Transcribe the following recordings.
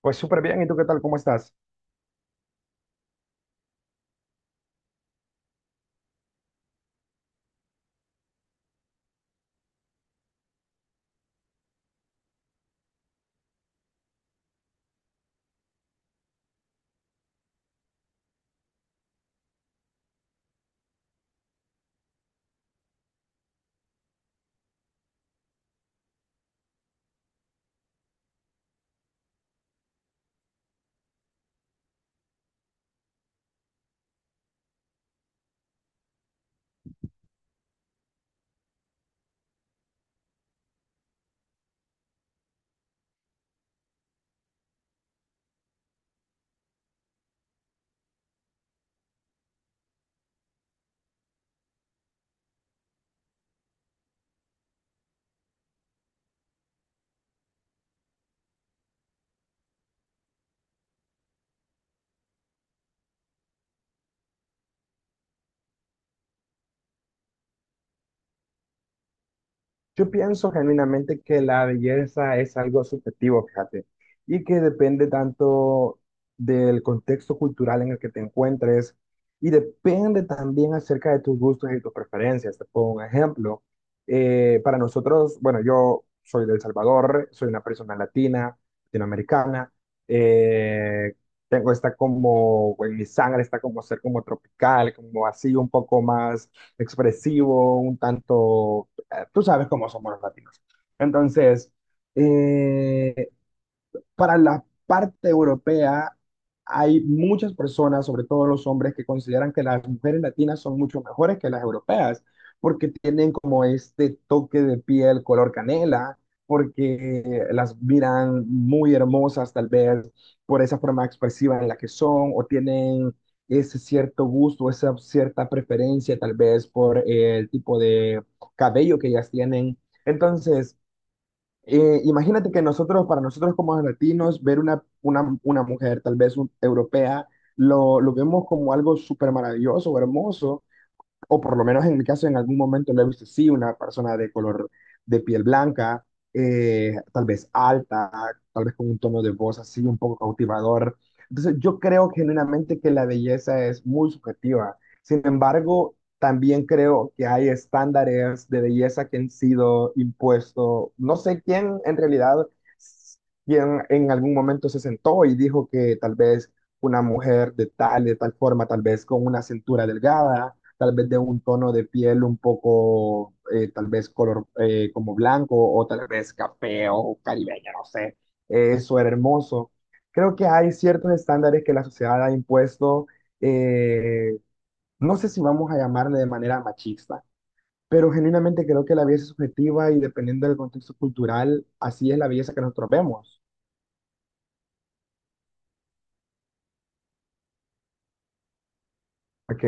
Pues súper bien, ¿y tú qué tal? ¿Cómo estás? Yo pienso genuinamente que la belleza es algo subjetivo, fíjate, y que depende tanto del contexto cultural en el que te encuentres y depende también acerca de tus gustos y tus preferencias. Te pongo un ejemplo. Para nosotros, bueno, yo soy de El Salvador, soy una persona latina, latinoamericana, eh, tengo esta como, en mi sangre está como ser como tropical, como así un poco más expresivo, un tanto tú sabes cómo somos los latinos. Entonces, eh, para la parte europea hay muchas personas, sobre todo los hombres, que consideran que las mujeres latinas son mucho mejores que las europeas, porque tienen como este toque de piel color canela, porque las miran muy hermosas tal vez por esa forma expresiva en la que son, o tienen ese cierto gusto, esa cierta preferencia tal vez por el tipo de cabello que ellas tienen. Entonces, imagínate que nosotros, para nosotros como latinos, ver una mujer, tal vez europea, lo vemos como algo súper maravilloso, hermoso, o por lo menos en mi caso en algún momento lo he visto, sí, una persona de color de piel blanca, tal vez alta, tal vez con un tono de voz así un poco cautivador. Entonces yo creo genuinamente que la belleza es muy subjetiva. Sin embargo, también creo que hay estándares de belleza que han sido impuestos. No sé quién en realidad, quién en algún momento se sentó y dijo que tal vez una mujer de tal forma, tal vez con una cintura delgada, tal vez de un tono de piel un poco, tal vez color como blanco o tal vez café o caribeño, no sé, eso era hermoso. Creo que hay ciertos estándares que la sociedad ha impuesto, eh, no sé si vamos a llamarle de manera machista, pero genuinamente creo que la belleza es subjetiva y dependiendo del contexto cultural, así es la belleza que nosotros vemos. Ok,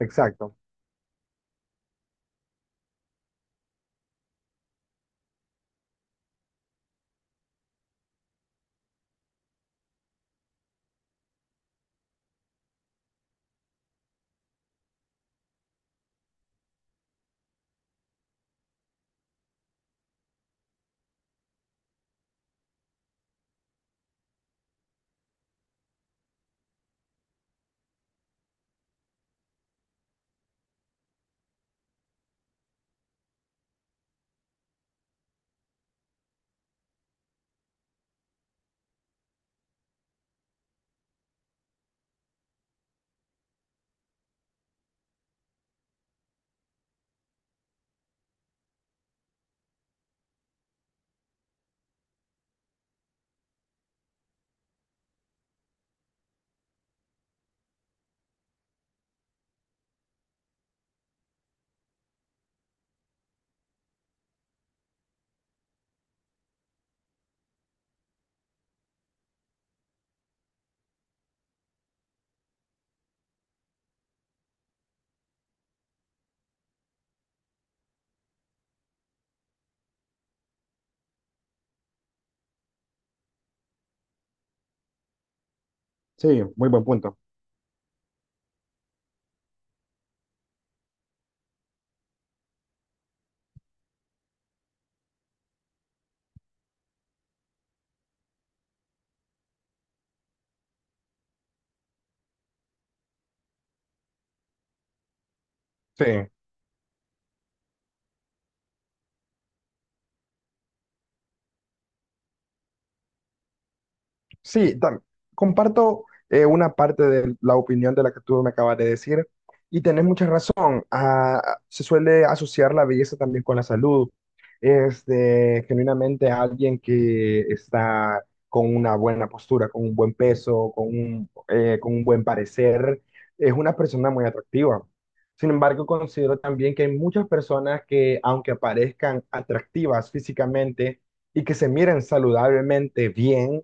exacto. Sí, muy buen punto. Sí. Sí, comparto una parte de la opinión de la que tú me acabas de decir y tenés mucha razón. Ah, se suele asociar la belleza también con la salud. Este, genuinamente alguien que está con una buena postura, con un buen peso, con un buen parecer, es una persona muy atractiva. Sin embargo, considero también que hay muchas personas que, aunque aparezcan atractivas físicamente y que se miren saludablemente bien,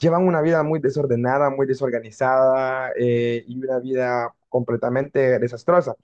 llevan una vida muy desordenada, muy desorganizada y una vida completamente desastrosa.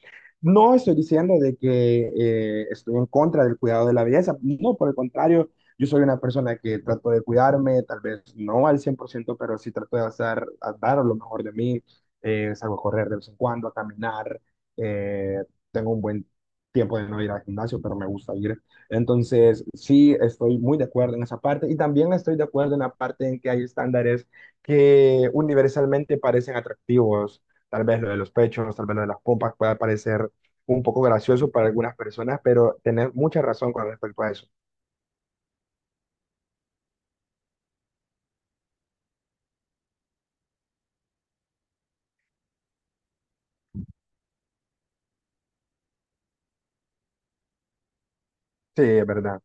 No estoy diciendo de que estoy en contra del cuidado de la belleza, no, por el contrario, yo soy una persona que trato de cuidarme, tal vez no al 100% pero sí trato de hacer, a dar lo mejor de mí, salgo a correr de vez en cuando, a caminar, eh, tengo un buen tiempo de no ir al gimnasio, pero me gusta ir. Entonces, sí, estoy muy de acuerdo en esa parte y también estoy de acuerdo en la parte en que hay estándares que universalmente parecen atractivos. Tal vez lo de los pechos, tal vez lo de las pompas pueda parecer un poco gracioso para algunas personas, pero tenés mucha razón con respecto a eso. Sí, es verdad.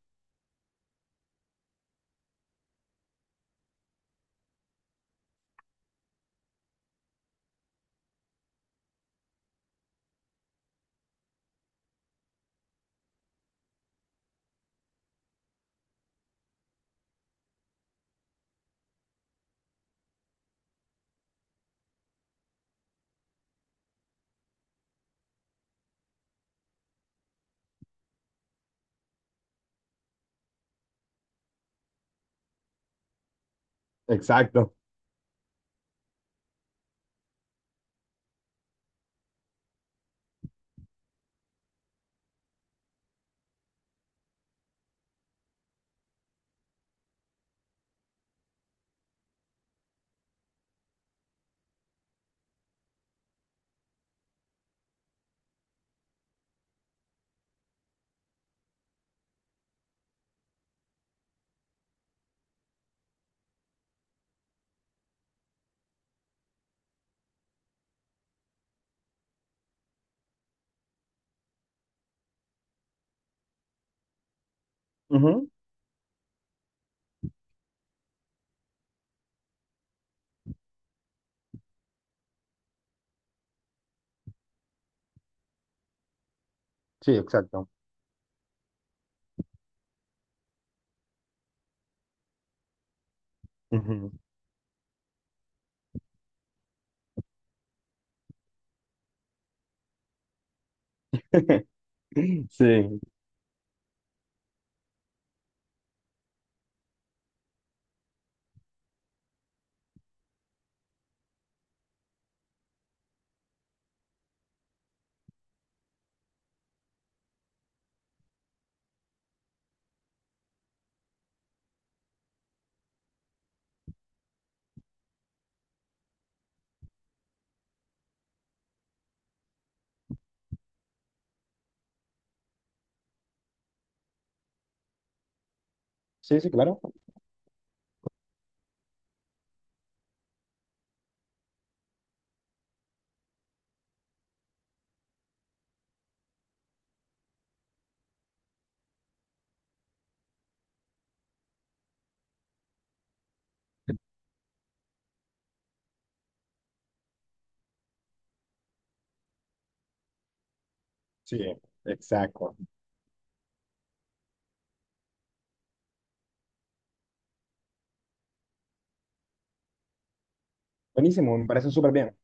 Exacto. Ujú. Sí, exacto. Ujú. Sí, sí, sí, claro. Sí, exacto. Buenísimo, me parece súper bien.